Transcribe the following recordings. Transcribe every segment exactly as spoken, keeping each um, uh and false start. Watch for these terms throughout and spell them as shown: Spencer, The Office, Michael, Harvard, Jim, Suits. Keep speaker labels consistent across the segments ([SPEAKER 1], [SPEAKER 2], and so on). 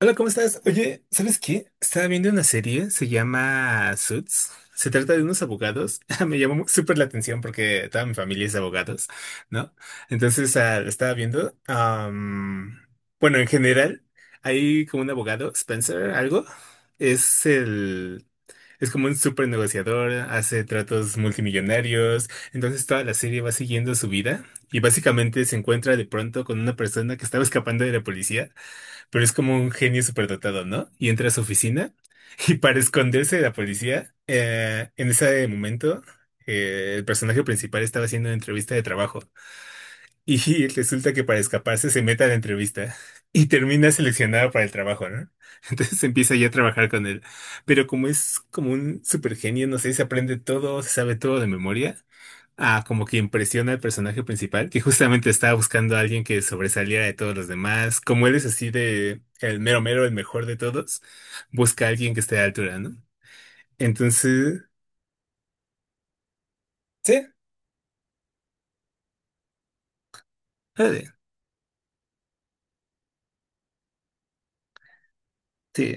[SPEAKER 1] Hola, ¿cómo estás? Oye, ¿sabes qué? Estaba viendo una serie, se llama Suits. Se trata de unos abogados. Me llamó mu- súper la atención porque toda mi familia es de abogados, ¿no? Entonces, ah, lo estaba viendo. Am, bueno, en general, hay como un abogado, Spencer, algo. Es el... Es como un súper negociador, hace tratos multimillonarios. Entonces, toda la serie va siguiendo su vida y básicamente se encuentra de pronto con una persona que estaba escapando de la policía, pero es como un genio superdotado, ¿no? Y entra a su oficina y para esconderse de la policía, eh, en ese momento eh, el personaje principal estaba haciendo una entrevista de trabajo y resulta que para escaparse se mete a la entrevista y termina seleccionado para el trabajo, ¿no? Entonces empieza ya a trabajar con él. Pero como es como un supergenio, no sé, se aprende todo, se sabe todo de memoria. Ah, como que impresiona al personaje principal, que justamente estaba buscando a alguien que sobresaliera de todos los demás. Como él es así de el mero mero, el mejor de todos, busca a alguien que esté a la altura, ¿no? Entonces, sí, ándale, sí,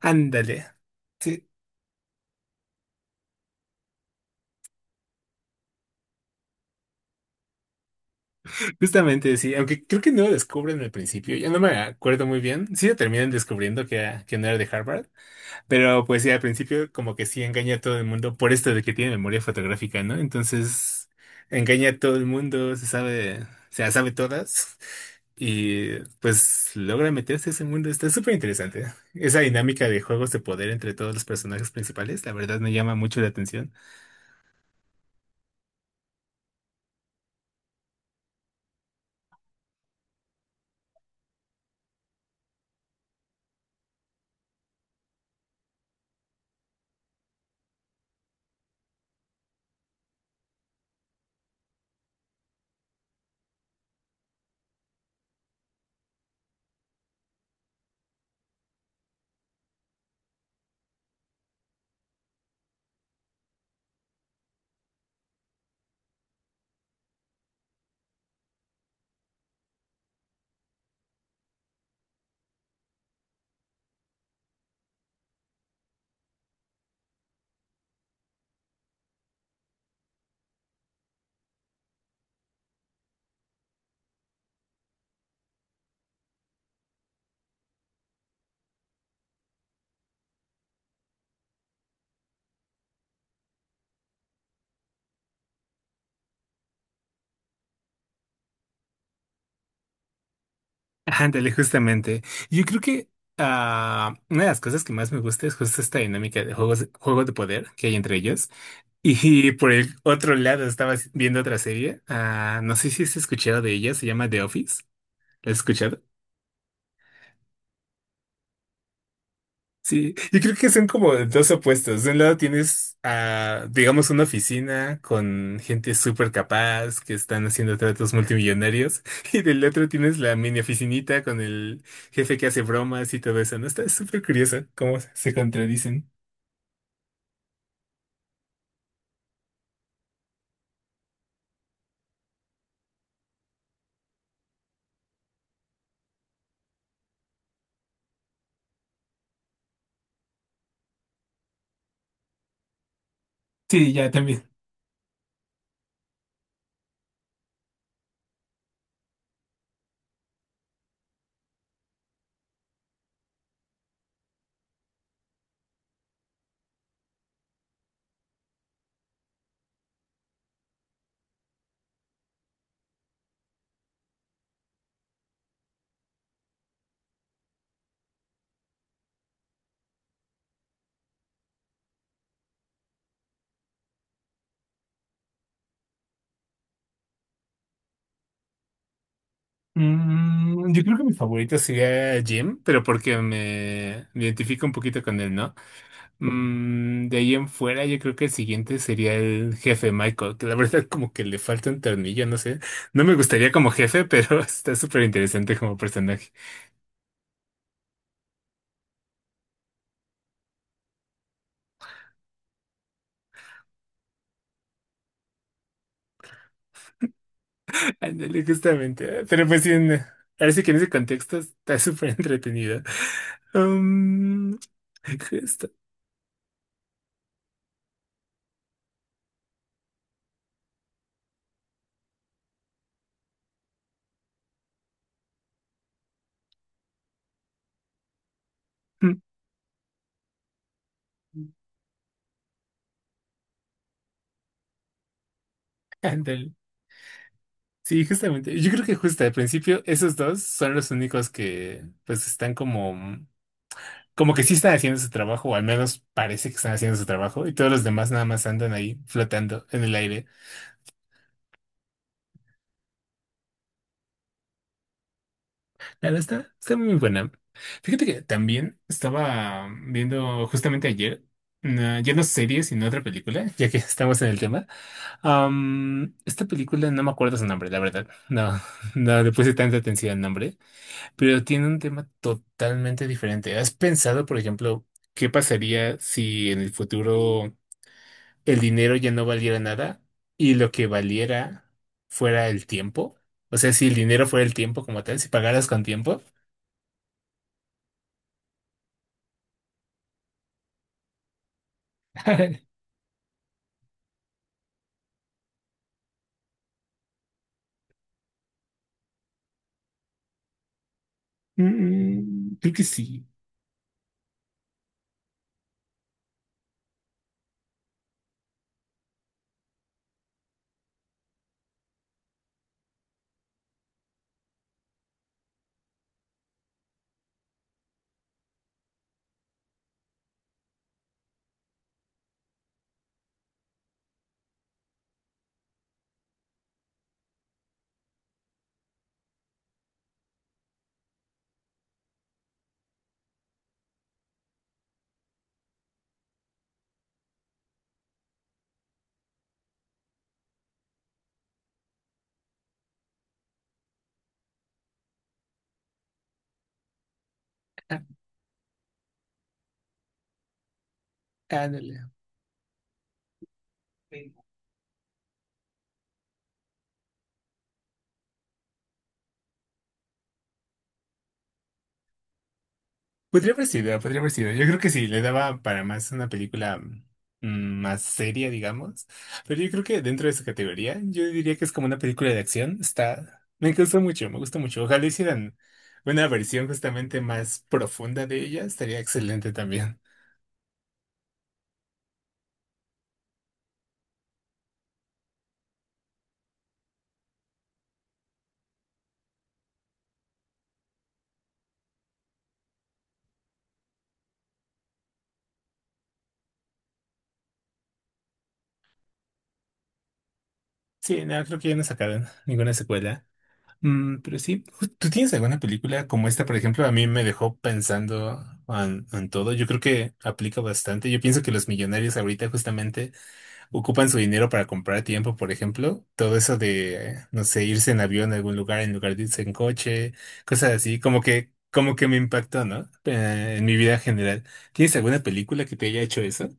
[SPEAKER 1] ándale. Sí, justamente sí, aunque creo que no lo descubren al principio, ya no me acuerdo muy bien. Sí lo terminan descubriendo que, era- que no era de Harvard. Pero pues sí, al principio como que sí engaña a todo el mundo por esto de que tiene memoria fotográfica, ¿no? Entonces engaña a todo el mundo, se sabe, se las sabe todas y pues logra meterse a ese mundo. Está súper interesante. Esa dinámica de juegos de poder entre todos los personajes principales, la verdad me llama mucho la atención. Ándale, justamente. Yo creo que ah, una de las cosas que más me gusta es justo esta dinámica de juegos, juegos de poder que hay entre ellos. Y por el otro lado, estaba viendo otra serie. Ah, no sé si has escuchado de ella, se llama The Office. ¿La has escuchado? Sí, y creo que son como dos opuestos. De un lado tienes a, digamos, una oficina con gente súper capaz que están haciendo tratos multimillonarios, y del otro tienes la mini oficinita con el jefe que hace bromas y todo eso, ¿no? Está súper curioso cómo se contradicen. Sí, ya también. Mm, yo creo que mi favorito sería Jim, pero porque me identifico un poquito con él, ¿no? Mm, de ahí en fuera, yo creo que el siguiente sería el jefe Michael, que la verdad como que le falta un tornillo, no sé. No me gustaría como jefe, pero está súper interesante como personaje. Ándale, justamente. Pero pues sí, en- ahora sí que en ese contexto está súper entretenido. Um, Justo. Mm, ándale. Sí, justamente. Yo creo que justo al principio esos dos son los únicos que pues están como como que sí están haciendo su trabajo, o al menos parece que están haciendo su trabajo, y todos los demás nada más andan ahí flotando en el aire. Claro, está, está muy buena. Fíjate que también estaba viendo justamente ayer, una- ya no serie, sino otra película, ya que estamos en el tema. Am, esta película no me acuerdo su nombre, la verdad. No, no le puse tanta atención al nombre, pero tiene un tema totalmente diferente. ¿Has pensado, por ejemplo, qué pasaría si en el futuro... el dinero ya no valiera nada y lo que valiera fuera el tiempo? O sea, si el dinero fuera el tiempo como tal, si pagaras con tiempo. Mm, creo que sí. Ah, ándale. Podría haber sido, podría haber sido. Yo creo que sí, le daba para más una película mm, más seria, digamos. Pero yo creo que dentro de esa categoría, yo diría que es como una película de acción. Está, me gustó mucho, me gusta mucho. Ojalá hicieran una versión justamente más profunda de ella, estaría excelente también. Sí, no, creo que ya no sacaron ninguna secuela. Mm, pero sí, ju- ¿tú tienes alguna película como esta, por ejemplo? A mí me dejó pensando en, en todo. Yo creo que aplica bastante. Yo pienso que los millonarios ahorita justamente ocupan su dinero para comprar tiempo, por ejemplo. Todo eso de, no sé, irse en avión a algún lugar en lugar de irse en coche, cosas así, como que, como que me impactó, ¿no? Eh, en mi vida en general. ¿Tienes alguna película que te haya hecho eso?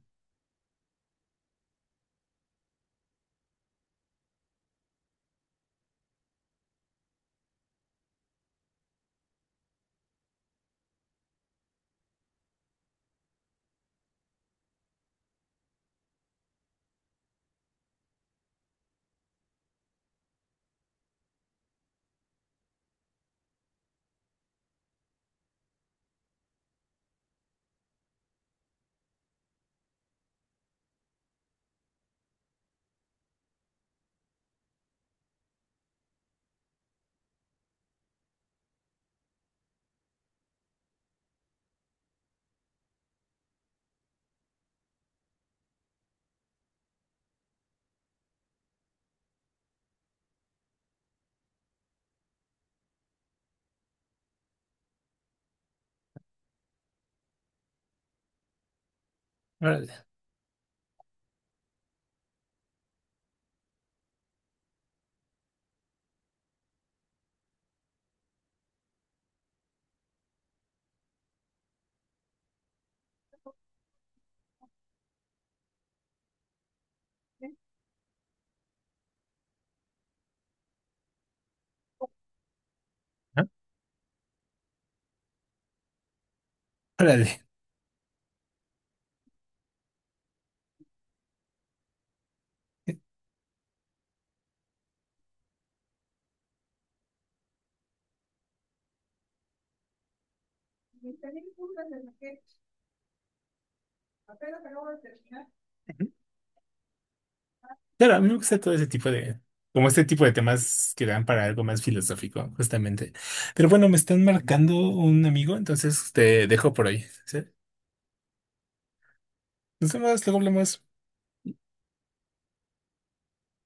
[SPEAKER 1] Órale. ¿Ah? Órale. Claro, a mí me gusta todo ese tipo de, como este tipo de temas que dan para algo más filosófico, justamente. Pero bueno, me están marcando un amigo, entonces te dejo por hoy. ¿Sí? Nos vemos, luego hablamos.